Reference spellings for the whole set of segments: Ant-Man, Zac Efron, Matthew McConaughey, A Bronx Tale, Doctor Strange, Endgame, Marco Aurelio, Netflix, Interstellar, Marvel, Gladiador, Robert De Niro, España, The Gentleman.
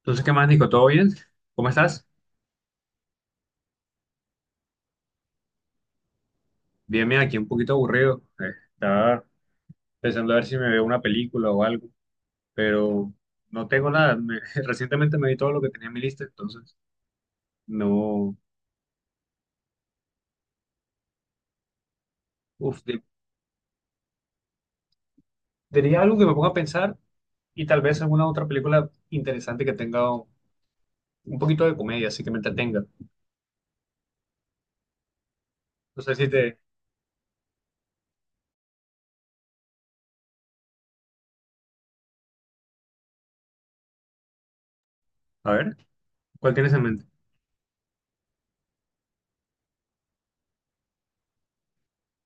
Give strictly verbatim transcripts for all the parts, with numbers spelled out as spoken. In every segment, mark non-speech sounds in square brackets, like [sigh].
Entonces, ¿qué más, Nico? ¿Todo bien? ¿Cómo estás? Bien, bien, aquí un poquito aburrido. Eh, estaba pensando a ver si me veo una película o algo, pero no tengo nada. Me- [laughs] recientemente me vi todo lo que tenía en mi lista, entonces no. Uf, di- diría algo que me ponga a pensar y tal vez alguna otra película interesante que tenga un poquito de comedia, así que me entretenga. No sé si te. A ver, ¿cuál tienes en mente?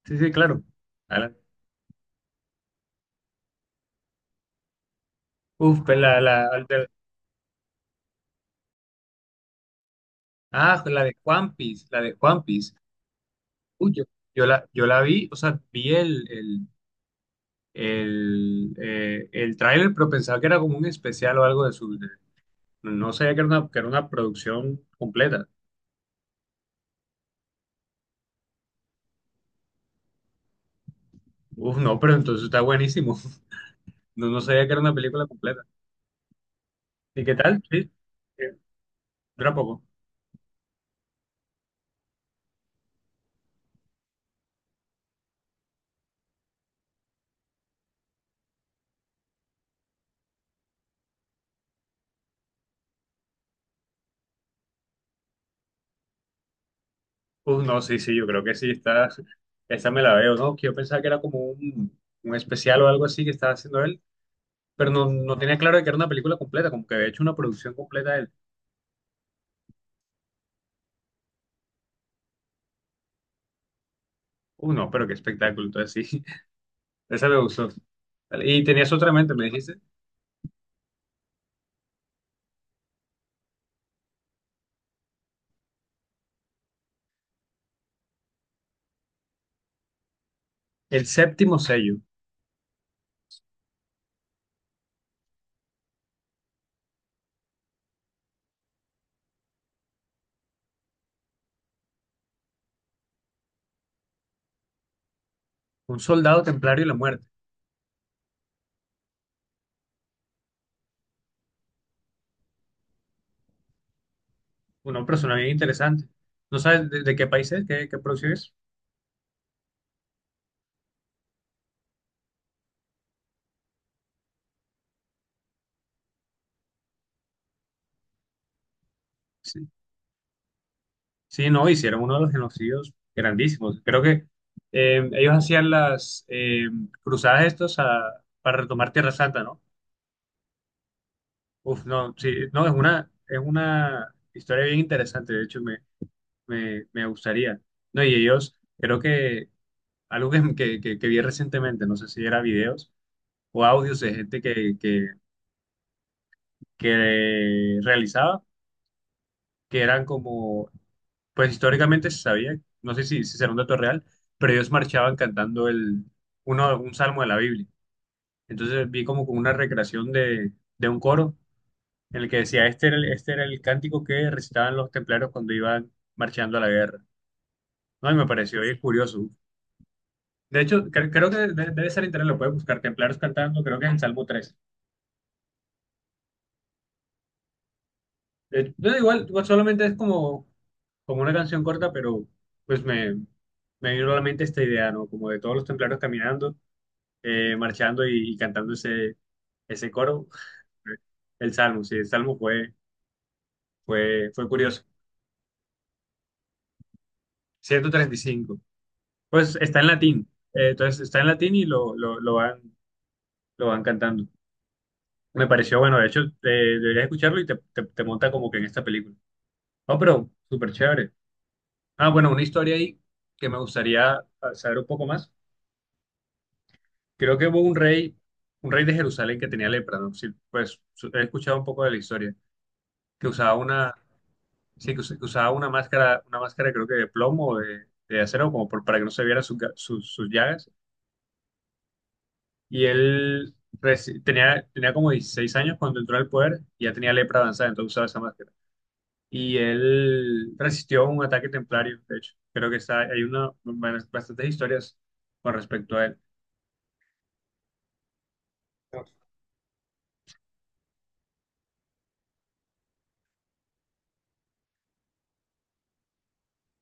Sí, sí, claro. Adelante. Uf, pues la, la, la- ah, la de Juan Piece, la de Juan. Uy, yo, yo la, yo la vi, o sea, vi el, el, el, eh, el tráiler, pero pensaba que era como un especial o algo de su... de- no sabía que era una, que era una producción completa. Uf, no, pero entonces está buenísimo. [laughs] No, no sabía que era una película completa. ¿Y qué tal? Sí, eh, dura poco. Uf, no, sí, sí, yo creo que sí, está, esa me la veo, ¿no? Que yo pensaba que era como un, un especial o algo así que estaba haciendo él, pero no, no tenía claro de que era una película completa, como que había hecho una producción completa él. Uf, no, pero qué espectáculo, entonces sí. Esa me gustó. Vale, y tenías otra en mente, me dijiste. El séptimo sello, un soldado templario y la muerte. Una persona bien interesante. ¿No sabes de, de qué país es? ¿Qué, qué producción es? Sí. Sí, no, hicieron uno de los genocidios grandísimos. Creo que eh, ellos hacían las eh, cruzadas estos a- para retomar Tierra Santa, ¿no? Uf, no, sí, no, es una, es una historia bien interesante. De hecho, me, me, me gustaría. No, y ellos, creo que algo que, que, que que vi recientemente, no sé si era videos o audios de gente que, que, que realizaba, que eran como, pues históricamente se sabía, no sé si, si será un dato real, pero ellos marchaban cantando el, uno, un salmo de la Biblia. Entonces vi como como una recreación de, de un coro en el que decía, este era el, este era el cántico que recitaban los templarios cuando iban marchando a la guerra. No, y me pareció bien curioso. De hecho, cre- creo que de- debe ser internet, lo puedes buscar, templarios cantando, creo que es el Salmo tres. De no, igual, igual solamente es como, como una canción corta, pero pues me, me vino a la mente esta idea, ¿no? Como de todos los templarios caminando, eh, marchando y, y cantando ese, ese coro. El salmo, sí, el salmo fue, fue, fue curioso. Ciento treinta y cinco. Pues está en latín. eh, entonces está en latín y lo, lo, lo van, lo van cantando. Me pareció bueno, de hecho, eh, deberías escucharlo y te, te, te monta como que en esta película. Oh, pero súper chévere. Ah, bueno, una historia ahí que me gustaría ah, saber un poco más. Creo que hubo un rey, un rey de Jerusalén que tenía lepra, ¿no? Sí, pues su- he escuchado un poco de la historia, que usaba una, sí, que us- que usaba una máscara, una máscara creo que de plomo o de, de acero, como por- para que no se vieran sus, ga- sus- sus llagas. Y él reci- tenía, tenía como dieciséis años cuando entró al poder y ya tenía lepra avanzada, entonces usaba esa máscara. Y él resistió un ataque templario, de hecho. Creo que está, hay una, bastantes historias con respecto a él.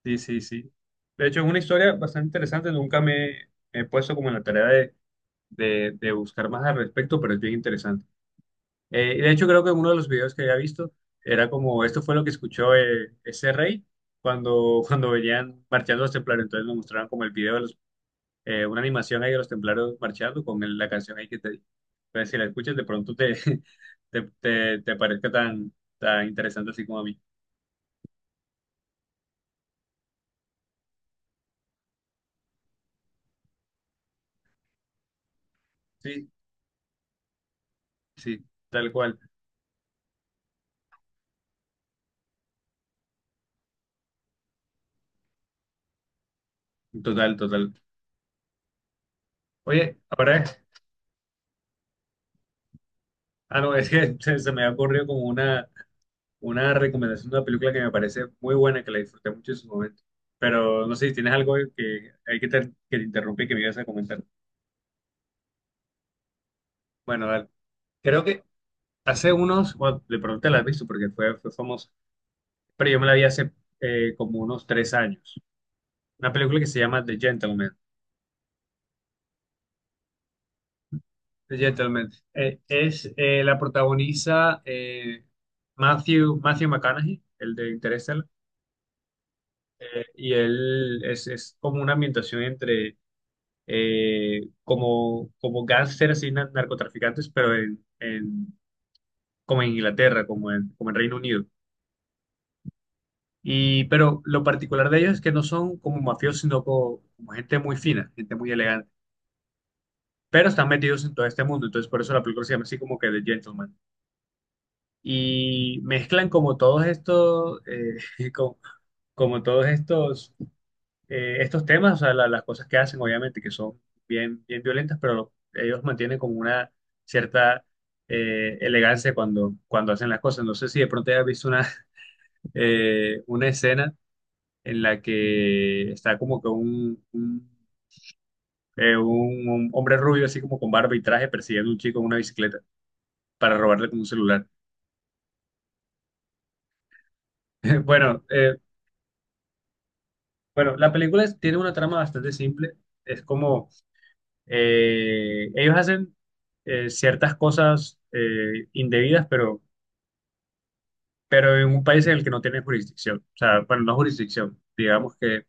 Sí, sí, sí. De hecho, es una historia bastante interesante. Nunca me, me he puesto como en la tarea de, de- de buscar más al respecto, pero es bien interesante. Eh, y de hecho, creo que uno de los videos que había visto era como, esto fue lo que escuchó eh, ese rey cuando, [laughs] cuando venían marchando los templarios. Entonces nos mostraron como el video de los, eh, una animación ahí de los templarios marchando con el- la canción ahí que te di. Entonces, si la escuchas, de pronto te, [laughs] te, te, te parezca tan, tan interesante así como a mí. Sí, sí, tal cual. Total, total. Oye, ahora. Ah, no, es que [laughs] se se me ha ocurrido como una, una, recomendación de una película que me parece muy buena, que la disfruté mucho en su momento. Pero no sé si tienes algo que hay que te, que te interrumpí que me ibas a comentar. Bueno, dale. Creo que hace unos, bueno, de pronto te la has visto porque fue, fue famosa, pero yo me la vi hace eh, como unos tres años. Una película que se llama The Gentleman. The Gentleman. Eh, es, eh, la protagoniza eh, Matthew, Matthew McConaughey, el de Interstellar, eh, y él es, es como una ambientación entre eh, como, como gángsters y na- narcotraficantes, pero en, en- como en Inglaterra, como en, como en Reino Unido. Y, pero lo particular de ellos es que no son como mafiosos, sino como, como gente muy fina, gente muy elegante, pero están metidos en todo este mundo, entonces por eso la película se llama así como que The Gentleman. Y mezclan como todos estos, eh, [laughs] como, como todos estos eh, estos temas, o sea, la- las cosas que hacen, obviamente, que son bien, bien violentas, pero lo- ellos mantienen como una cierta eh, elegancia cuando, cuando hacen las cosas. No sé si de pronto hayas visto una, [laughs] eh, una escena en la que está como que un, un, eh, un- un hombre rubio, así como con barba y traje, persiguiendo a un chico en una bicicleta para robarle como un celular. [laughs] Bueno, eh, bueno, la película es- tiene una trama bastante simple. Es como Eh, ellos hacen eh, ciertas cosas eh, indebidas, pero, pero en un país en el que no tienen jurisdicción. O sea, bueno, no jurisdicción, digamos que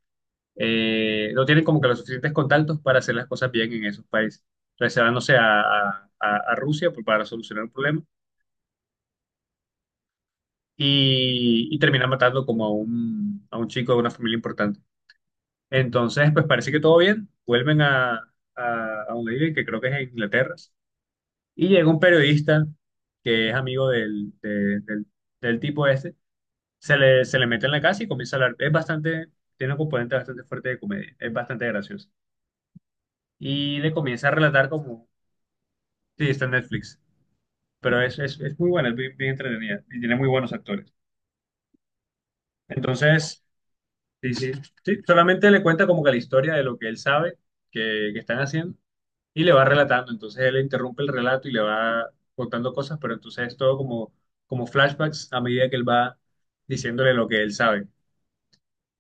eh, no tienen como que los suficientes contactos para hacer las cosas bien en esos países. Entonces se van, no sé, a, a- a- a Rusia por para solucionar un problema y, y terminan matando como a un, a un chico de una familia importante. Entonces, pues parece que todo bien, vuelven a, a, a donde viven, que creo que es en Inglaterra. Y llega un periodista que es amigo del, de- del, del tipo este, se le, se le mete en la casa y comienza a hablar. Es bastante, tiene un componente bastante fuerte de comedia, es bastante gracioso. Y le comienza a relatar como, sí, está en Netflix, pero es, es, es muy buena, es bien, bien entretenida y tiene muy buenos actores. Entonces, sí, sí, sí, solamente le cuenta como que la historia de lo que él sabe que, que están haciendo y le va relatando. Entonces él interrumpe el relato y le va contando cosas, pero entonces es todo como, como flashbacks a medida que él va diciéndole lo que él sabe.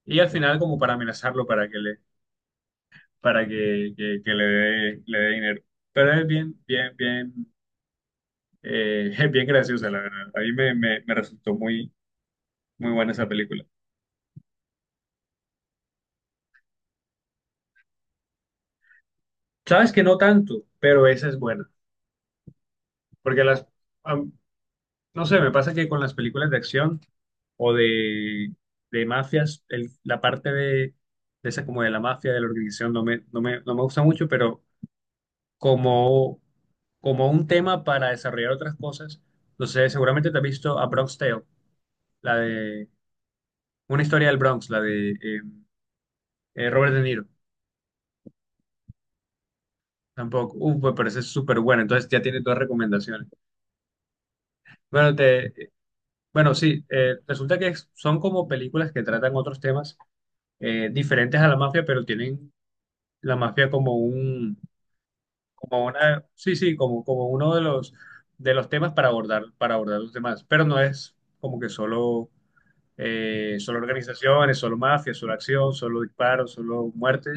Y al final como para amenazarlo para que le, para que, que- que le dé, le dé dinero. Pero es bien, bien, bien, eh, [laughs] es bien graciosa, la verdad. A mí me, me, me resultó muy, muy buena esa película. Sabes que no tanto, pero esa es buena. Porque las, no sé, me pasa que con las películas de acción o de, de mafias, el- la parte de, de esa como de la mafia, de la organización, no me, no me, no me gusta mucho, pero como, como un tema para desarrollar otras cosas, no sé, seguramente te has visto a Bronx Tale, la de una historia del Bronx, la de eh, eh, Robert De Niro, tampoco, uh, me parece súper buena, entonces ya tienes dos recomendaciones. Bueno, te, bueno, sí, eh, resulta que son como películas que tratan otros temas eh, diferentes a la mafia, pero tienen la mafia como un, como una, sí, sí, como, como uno de los, de los temas para abordar, para abordar los demás, pero no es como que solo, eh, solo organizaciones, solo mafia, solo acción, solo disparos, solo muerte,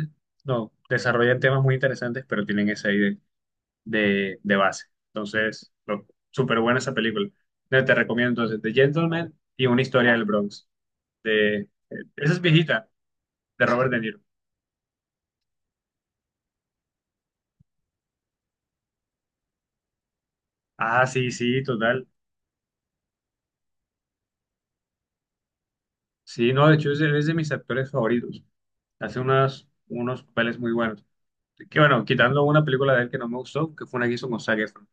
no, desarrollan temas muy interesantes, pero tienen esa idea de, de, de base, entonces, lo- súper buena esa película, te te recomiendo entonces The Gentleman y Una historia del Bronx, de, eh, esa es viejita, de Robert De Niro. Ah, sí, sí, total. Sí, no, de hecho es de, es de mis actores favoritos. Hace unas, unos papeles muy buenos. Que bueno, quitando una película de él que no me gustó, que fue una que hizo con Zac Efron,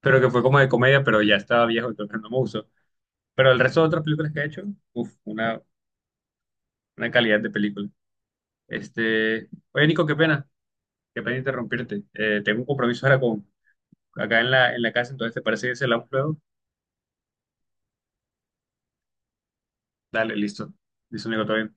pero que fue como de comedia, pero ya estaba viejo, entonces no me gustó. Pero el resto de otras películas que ha hecho, uff, una, una calidad de película. Este, oye, Nico, qué pena, qué pena interrumpirte. Eh, tengo un compromiso ahora con, acá en la, en la, casa, entonces ¿te parece que se la un luego? Dale, listo. Listo, Nico, todo bien.